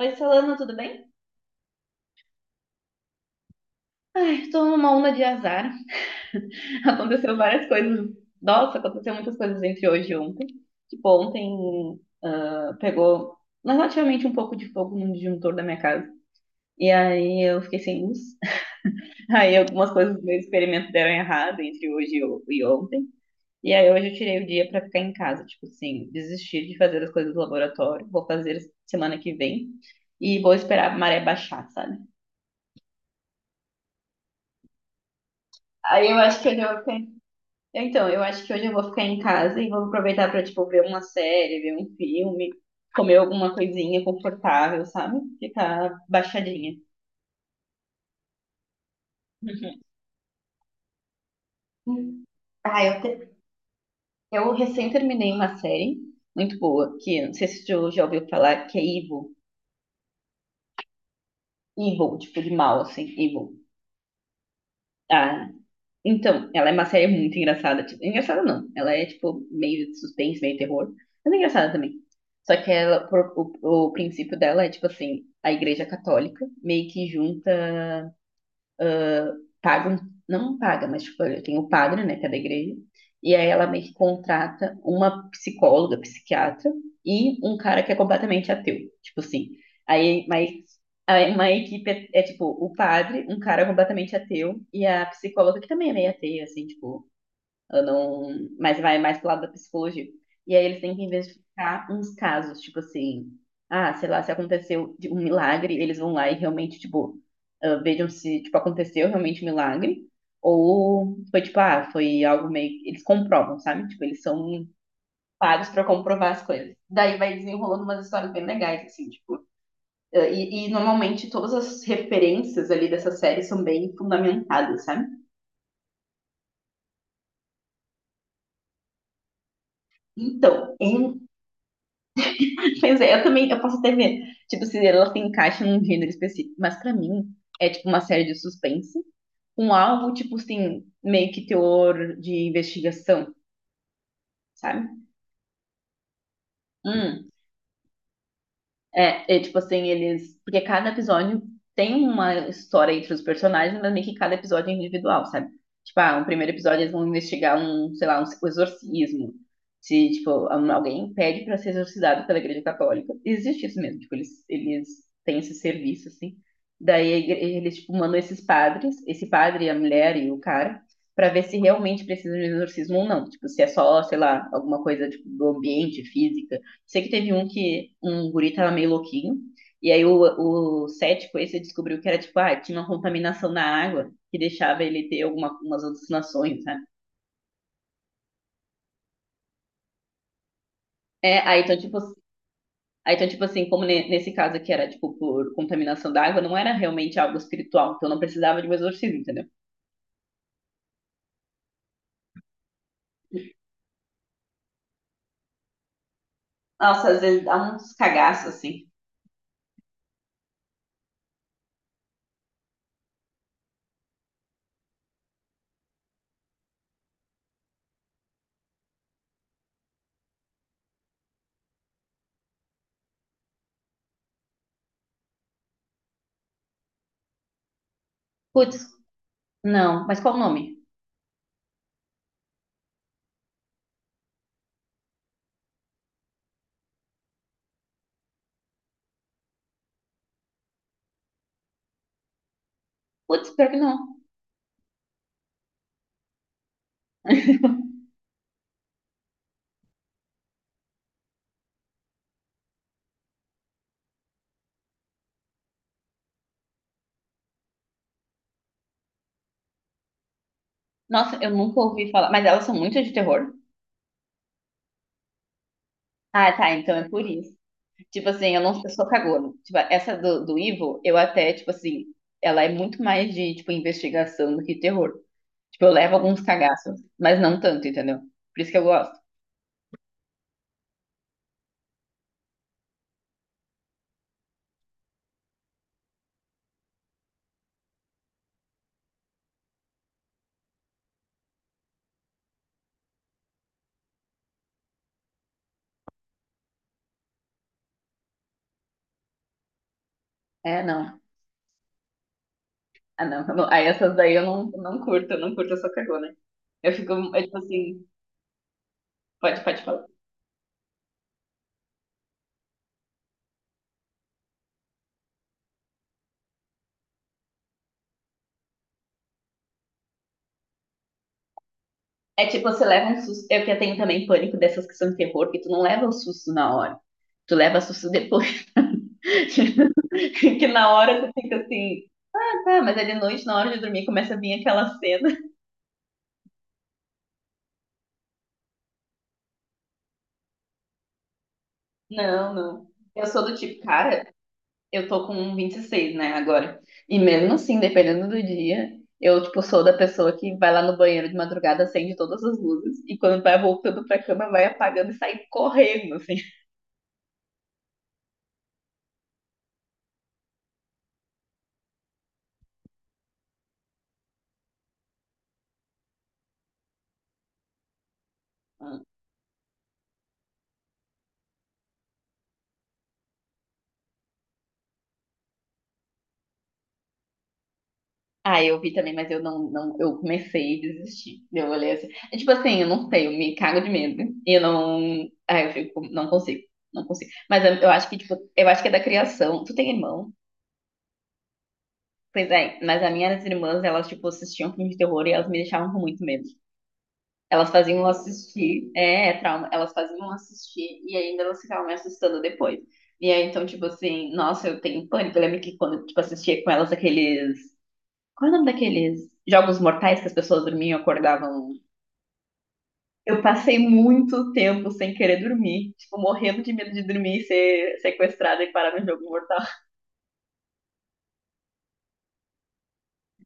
Oi, Solano, tudo bem? Estou numa onda de azar. Aconteceu várias coisas. Nossa, aconteceu muitas coisas entre hoje e ontem. Tipo, ontem pegou relativamente um pouco de fogo no disjuntor da minha casa. E aí eu fiquei sem luz. Aí algumas coisas do meu experimento deram errado entre hoje e ontem. E aí hoje eu tirei o dia pra ficar em casa. Tipo assim, desistir de fazer as coisas do laboratório. Vou fazer semana que vem. E vou esperar a maré baixar, sabe? Aí eu acho que eu já vou ficar. Então, eu acho que hoje eu vou ficar em casa e vou aproveitar pra, tipo, ver uma série, ver um filme, comer alguma coisinha confortável, sabe? Ficar baixadinha. Uhum. Ah, eu, te- eu recém terminei uma série muito boa, que eu não sei se tu já ouviu falar, que é Evil. Evil, tipo de mal, assim, Evil. Ah, Então, ela é uma série muito engraçada. Tipo, engraçada não. Ela é, tipo, meio de suspense, meio terror. Mas é engraçada também. Só que ela, o princípio dela é, tipo assim, a igreja católica meio que junta, paga, não paga, mas, tipo, tem o padre, né, que é da igreja. E aí ela meio que contrata uma psicóloga, psiquiatra e um cara que é completamente ateu. Tipo assim. Aí, mas aí uma equipe é, tipo, o padre, um cara completamente ateu e a psicóloga que também é meio ateia, assim, tipo, eu não, mas vai mais pro lado da psicologia. E aí eles têm que investigar uns casos, tipo assim, ah, sei lá, se aconteceu de um milagre, eles vão lá e realmente, tipo, ah, vejam se, tipo, aconteceu realmente um milagre, ou foi, tipo, ah, foi algo meio, eles comprovam, sabe? Tipo, eles são pagos pra comprovar as coisas. Daí vai desenrolando umas histórias bem legais, assim, tipo, ah, e normalmente todas as referências ali dessa série são bem fundamentadas, sabe? Então, é. Pois é, eu também, eu posso até ver, tipo, se ela se encaixa num gênero específico, mas pra mim é tipo uma série de suspense, um algo tipo assim, meio que teor de investigação, sabe? Hum. É, é tipo assim, eles. Porque cada episódio tem uma história entre os personagens, mas meio que cada episódio é individual, sabe? Tipo, ah, no primeiro episódio eles vão investigar um, sei lá, um exorcismo. Se, tipo, um- alguém pede pra ser exorcizado pela Igreja Católica. Existe isso mesmo, tipo, eles têm esse serviço, assim. Daí eles, tipo, mandam esses padres, esse padre, a mulher e o cara, pra ver se realmente precisa de um exorcismo ou não. Tipo, se é só, sei lá, alguma coisa, tipo, do ambiente, física. Sei que teve um que um guri tava meio louquinho, e aí o cético esse descobriu que era tipo, ah, tinha uma contaminação na água que deixava ele ter alguma, umas alucinações, sabe? É, aí então, tipo assim, como ne- nesse caso aqui era tipo por contaminação da água, não era realmente algo espiritual, então não precisava de um exorcismo, entendeu? Nossa, às vezes dá uns cagaços assim. Putz, não, mas qual o nome? Putz, pior que não. Nossa, eu nunca ouvi falar, mas elas são muito de terror. Ah, tá, então é por isso. Tipo assim, eu não, eu sou cagona. Tipo, essa do Ivo, eu até, tipo assim, ela é muito mais de, tipo, investigação do que terror. Tipo, eu levo alguns cagaços, mas não tanto, entendeu? Por isso que eu gosto. É, não. Ah, não. eu não. Aí essas daí eu não curto, eu não curto, eu sou cagona. Eu fico, é tipo assim, pode falar. É tipo, você leva um susto. Eu que tenho também pânico dessas que são de terror, que tu não leva o susto na hora. Tu leva susto depois. Que na hora tu fica assim, ah, tá, mas é de noite, na hora de dormir, começa a vir aquela cena. Não, não. Eu sou do tipo, cara, eu tô com um 26, né, agora. E mesmo assim, dependendo do dia, eu, tipo, sou da pessoa que vai lá no banheiro de madrugada, acende todas as luzes, e quando vai voltando pra cama, vai apagando e sai correndo, assim. Hum. Ah, eu vi também, mas eu não, não, eu comecei a desistir. Eu olhei assim. É tipo assim, eu não sei, eu me cago de medo. E eu não. Ah, eu fico, não consigo. Mas eu acho que, tipo, eu acho que é da criação. Tu tem irmão? Pois é, mas as minhas irmãs, elas, tipo, assistiam filme de terror e elas me deixavam com muito medo. Elas faziam eu assistir, é, é trauma, elas faziam eu assistir e ainda elas ficavam me assustando depois. E aí, então, tipo assim, nossa, eu tenho pânico. Eu lembro que quando, tipo, assistia com elas aqueles... Qual é o nome daqueles jogos mortais que as pessoas dormiam e acordavam? Eu passei muito tempo sem querer dormir, tipo, morrendo de medo de dormir e ser sequestrada e parar no jogo mortal.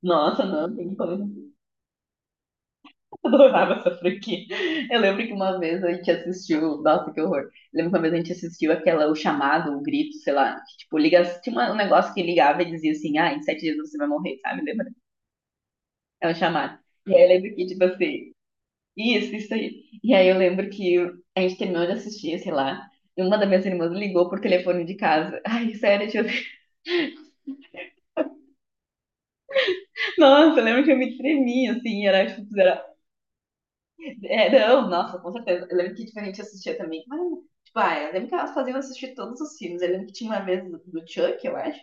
Nossa, não, tem pânico. Adorava essa franquia. Eu lembro que uma vez a gente assistiu. Nossa, que horror. Eu lembro que uma vez a gente assistiu aquela, o chamado, o grito, sei lá. Que, tipo, liga, tinha uma- um negócio que ligava e dizia assim: ah, em 7 dias você vai morrer, sabe? Lembra? É um chamado. E aí eu lembro que, tipo assim, isso aí. E aí eu lembro que a gente terminou de assistir, sei lá. E uma das minhas irmãs ligou por telefone de casa. Ai, sério, tipo, nossa, eu lembro que eu me tremia, assim, era, tipo. É, não, nossa, com certeza. Eu lembro que tipo, a gente assistia também. Mas, tipo, ah, eu lembro que elas faziam assistir todos os filmes. Eu lembro que tinha uma vez do, do Chuck, eu acho.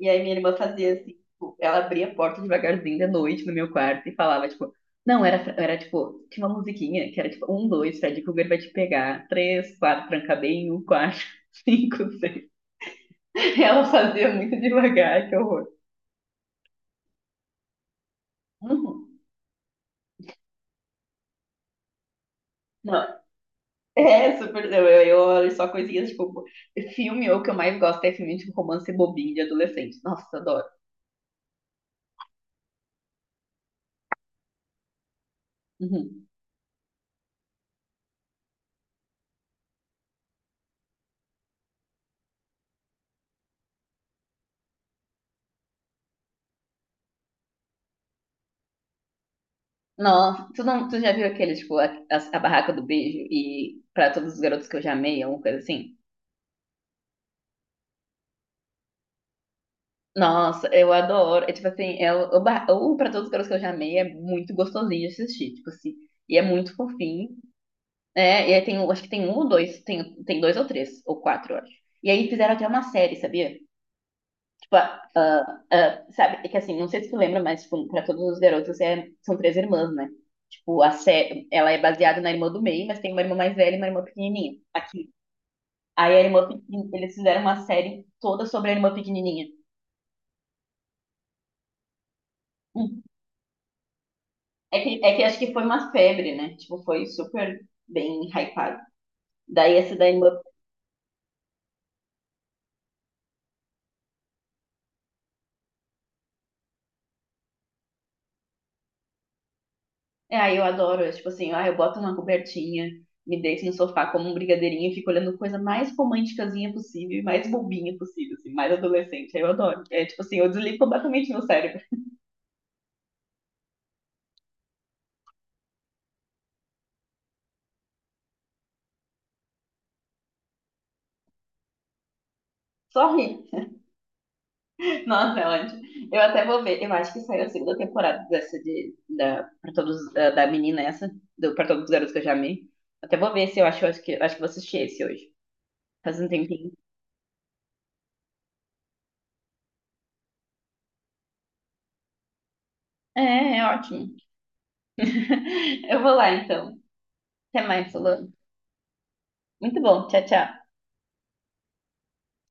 E aí minha irmã fazia assim, tipo, ela abria a porta devagarzinho da noite no meu quarto e falava, tipo, não, era, era tipo, tinha uma musiquinha que era tipo, um, dois, Fred Krueger vai te pegar. Três, quatro, tranca bem, um, quatro, cinco, seis. Ela fazia muito devagar, que horror. Uhum. Não, é, super. Eu, eu olho só coisinhas tipo. Filme, o que eu mais gosto é filme tipo romance bobinho de adolescente. Nossa, adoro. Uhum. Nossa, tu, não, tu já viu aquele, tipo, a barraca do beijo e pra todos os garotos que eu já amei, alguma coisa assim? Nossa, eu adoro. É tipo assim, é o pra todos os garotos que eu já amei é muito gostosinho de assistir, tipo assim. E é muito fofinho. É, e aí tem, um- acho que tem um ou dois, tem dois ou três, ou quatro, eu acho. E aí fizeram até uma série, sabia? Tipo, sabe, é que assim, não sei se tu lembra, mas, tipo, pra todos os garotos é- são três irmãs, né? Tipo, a Sé, ela é baseada na irmã do meio, mas tem uma irmã mais velha e uma irmã pequenininha, aqui. Aí a irmã pequenininha, eles fizeram uma série toda sobre a irmã pequenininha. Hum. É que acho que foi uma febre, né? Tipo, foi super bem hypado. Daí essa da irmã. É, aí eu adoro, é tipo assim, ah, eu boto uma cobertinha, me deito no sofá como um brigadeirinho e fico olhando coisa mais românticazinha possível, e mais bobinha possível, assim, mais adolescente. Aí eu adoro. É tipo assim, eu desligo completamente meu cérebro. Só ri. Nossa, é ótimo. Eu até vou ver. Eu acho que saiu a segunda temporada dessa de, da, pra todos, da, da menina essa, do, pra todos os garotos que eu já amei. Até vou ver se eu acho, eu acho que vou assistir esse hoje. Faz um tempinho. É, é ótimo. Eu vou lá então. Até mais, Solano. Muito bom. Tchau, tchau.